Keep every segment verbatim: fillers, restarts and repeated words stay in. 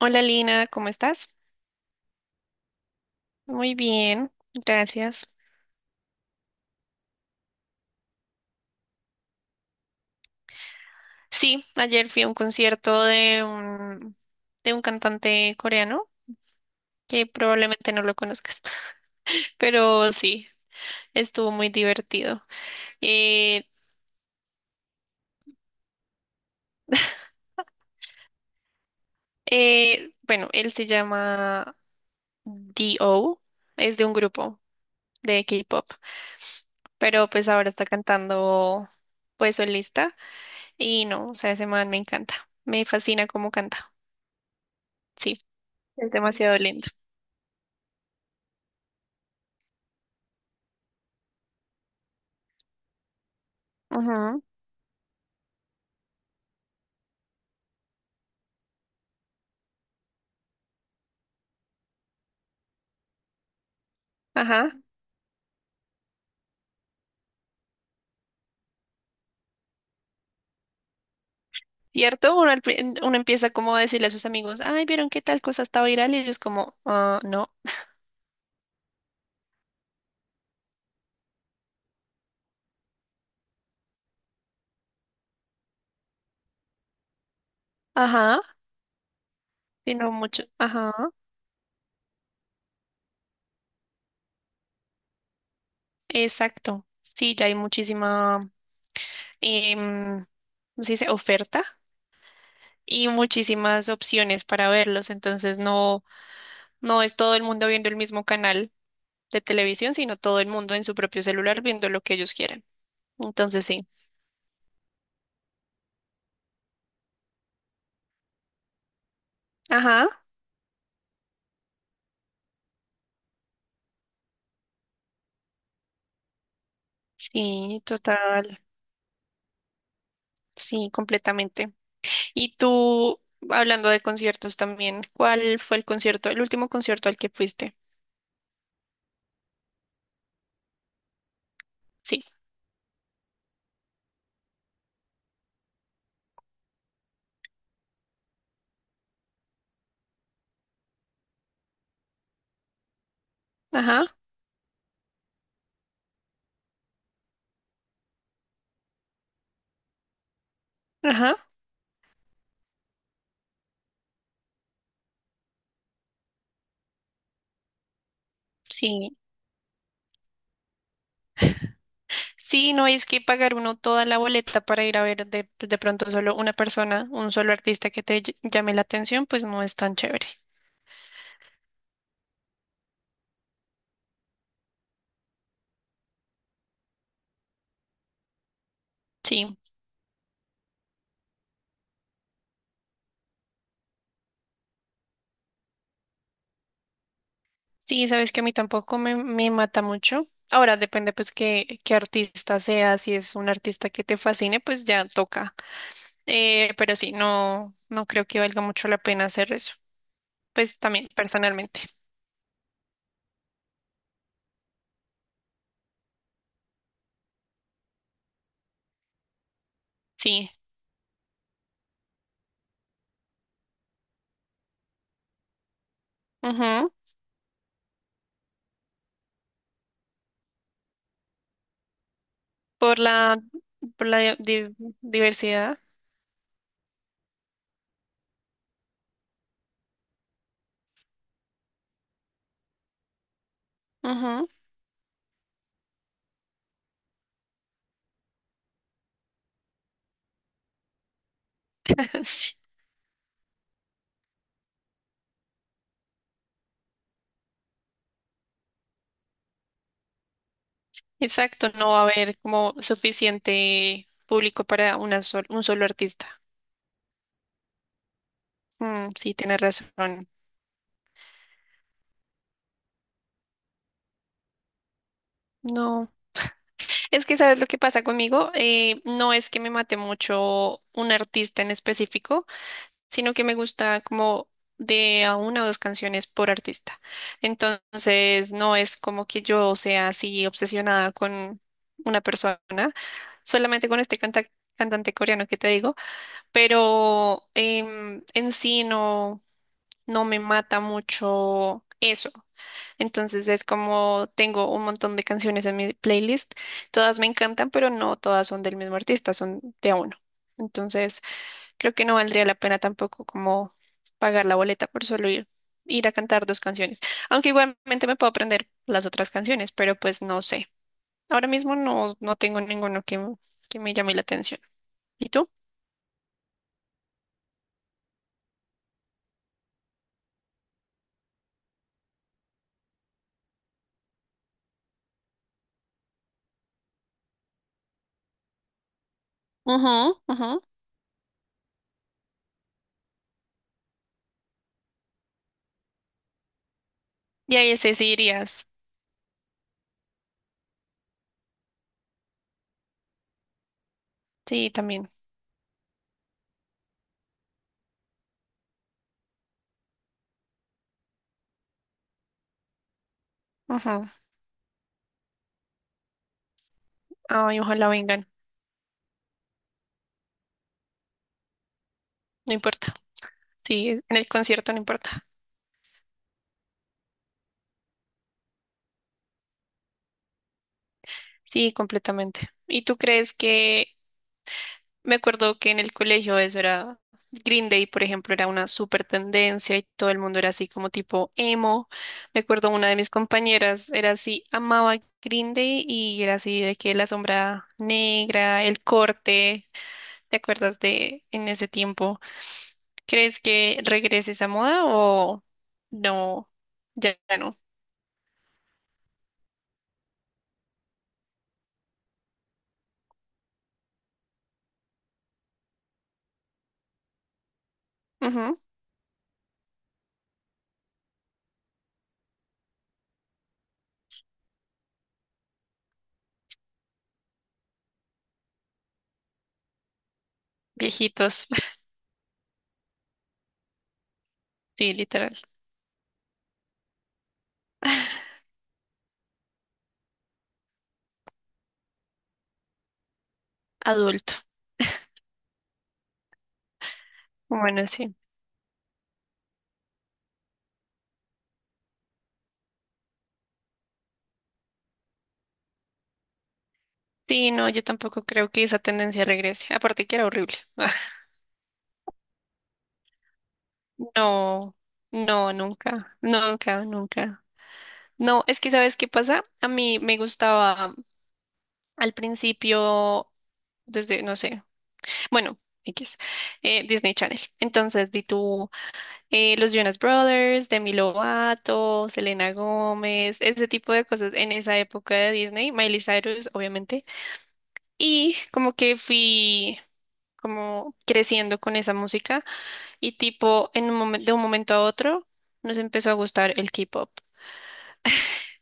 Hola Lina, ¿cómo estás? Muy bien, gracias. Sí, ayer fui a un concierto de un, de un cantante coreano que probablemente no lo conozcas, pero sí, estuvo muy divertido. Eh, eh, bueno, él se llama D O, es de un grupo de K-pop, pero pues ahora está cantando pues solista y no, o sea, ese man me encanta, me fascina cómo canta, sí, es demasiado lindo. Ajá. Ajá. ¿Cierto? Uno, al pri- uno empieza como a decirle a sus amigos, ay, ¿vieron qué tal cosa está viral? Y ellos como, ah, no. Ajá. Sino mucho. Ajá. Exacto. Sí, ya hay muchísima, em, ¿cómo se dice? Oferta y muchísimas opciones para verlos. Entonces no, no es todo el mundo viendo el mismo canal de televisión, sino todo el mundo en su propio celular viendo lo que ellos quieren. Entonces sí. Ajá. Sí, total. Sí, completamente. Y tú, hablando de conciertos también, ¿cuál fue el concierto, el último concierto al que fuiste? Sí. Ajá, ajá. Sí. Sí, no es que pagar uno toda la boleta para ir a ver de, de pronto solo una persona, un solo artista que te ll- llame la atención, pues no es tan chévere. Sí. Sí, sabes que a mí tampoco me, me mata mucho. Ahora depende pues qué, qué artista sea, si es un artista que te fascine, pues ya toca. Eh, pero sí, no, no creo que valga mucho la pena hacer eso. Pues también, personalmente. Sí. Ujú. Por la, por la di- di- diversidad. Ujú. Sí. Exacto, no va a haber como suficiente público para una sol- un solo artista. Mm, sí, tienes razón. No. Es que, ¿sabes lo que pasa conmigo? Eh, no es que me mate mucho un artista en específico, sino que me gusta como de a una o dos canciones por artista. Entonces, no es como que yo sea así obsesionada con una persona, solamente con este canta- cantante coreano que te digo, pero em, en sí no, no me mata mucho eso. Entonces es como tengo un montón de canciones en mi playlist, todas me encantan, pero no todas son del mismo artista, son de a uno. Entonces, creo que no valdría la pena tampoco como pagar la boleta por solo ir, ir a cantar dos canciones. Aunque igualmente me puedo aprender las otras canciones, pero pues no sé. Ahora mismo no, no tengo ninguno que, que me llame la atención. ¿Y tú? Ajá, ajá. Y ahí ese sí irías. Sí, también. Ajá. Ay, ojalá vengan. No importa. Sí, en el concierto no importa. Sí, completamente. ¿Y tú crees que? Me acuerdo que en el colegio eso era Green Day, por ejemplo, era una súper tendencia y todo el mundo era así como tipo emo. Me acuerdo una de mis compañeras era así, amaba Green Day y era así de que la sombra negra, el corte. ¿Te acuerdas de en ese tiempo? ¿Crees que regrese esa moda o no? Ya, ya no. Ujú. Viejitos. Sí, literal. Adulto. Bueno, sí. Sí, no, yo tampoco creo que esa tendencia regrese. Aparte que era horrible. No, no, nunca, nunca, nunca. No, es que, ¿sabes qué pasa? A mí me gustaba al principio, desde, no sé, bueno, X, eh, Disney Channel. Entonces, di tú, eh, los Jonas Brothers, Demi Lovato, Selena Gómez, ese tipo de cosas en esa época de Disney, Miley Cyrus, obviamente. Y como que fui como creciendo con esa música y tipo en un momen- de un momento a otro nos empezó a gustar el K-pop.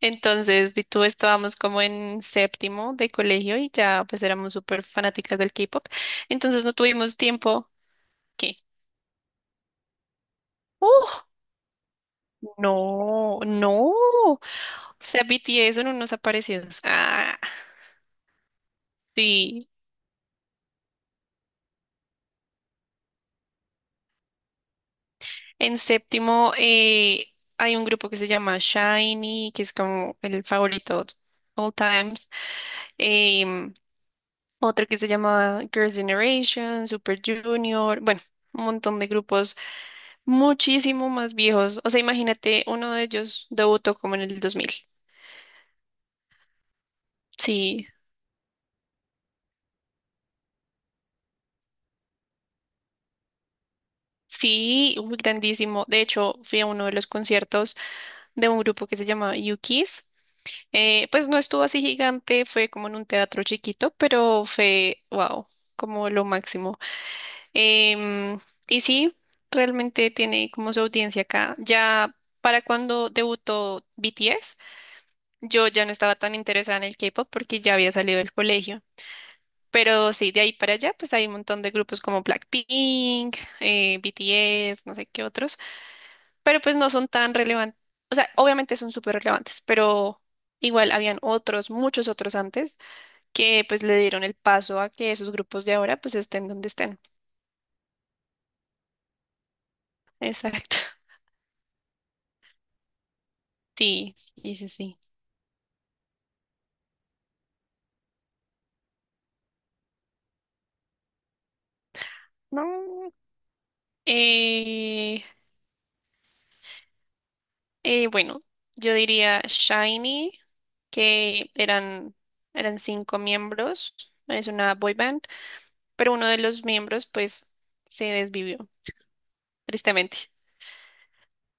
Entonces, y tú estábamos como en séptimo de colegio y ya pues éramos súper fanáticas del K-pop. Entonces no tuvimos tiempo. ¿Qué? ¡Uh! No, no. O sea, B T B T S son unos aparecidos. Ah, sí. En séptimo eh, hay un grupo que se llama SHINee, que es como el favorito all times. Em, Otro que se llama Girls' Generation, Super Junior, bueno, un montón de grupos muchísimo más viejos. O sea, imagínate, uno de ellos debutó como en el dos mil. Sí, sí, uy, grandísimo. De hecho, fui a uno de los conciertos de un grupo que se llama u Eh, pues no estuvo así gigante, fue como en un teatro chiquito, pero fue, wow, como lo máximo. Em, y sí, realmente tiene como su audiencia acá. Ya para cuando debutó B T S, yo ya no estaba tan interesada en el K-pop porque ya había salido del colegio. Pero sí, de ahí para allá, pues hay un montón de grupos como Blackpink, eh, B T S, no sé qué otros, pero pues no son tan relevantes. O sea, obviamente son súper relevantes, pero igual habían otros, muchos otros antes, que pues le dieron el paso a que esos grupos de ahora pues estén donde estén. Exacto. Sí, sí, sí, sí. No. Eh, eh, bueno, yo diría Shiny, que eran, eran cinco miembros, es una boy band, pero uno de los miembros pues se desvivió, tristemente.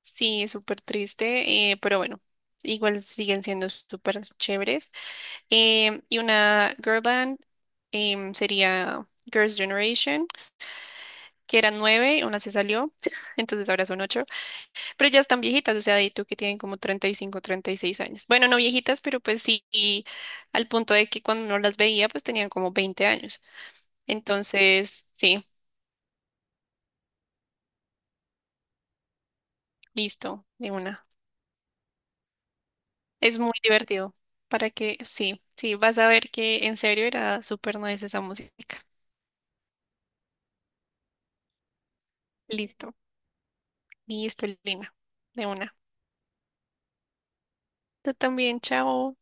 Sí, es súper triste, eh, pero bueno, igual siguen siendo súper chéveres. Em, y una girl band em, sería Girls' Generation, que eran nueve, una se salió, entonces ahora son ocho. Pero ya están viejitas, o sea, de tú que tienen como treinta treinta y cinco, treinta y seis años. Bueno, no viejitas, pero pues sí, y al punto de que cuando uno las veía, pues tenían como veinte años. Entonces, sí, listo, de una. Es muy divertido. Para que, sí, sí, vas a ver que en serio era súper nice esa música. Listo, listo, Lina, de una. Tú también, chao.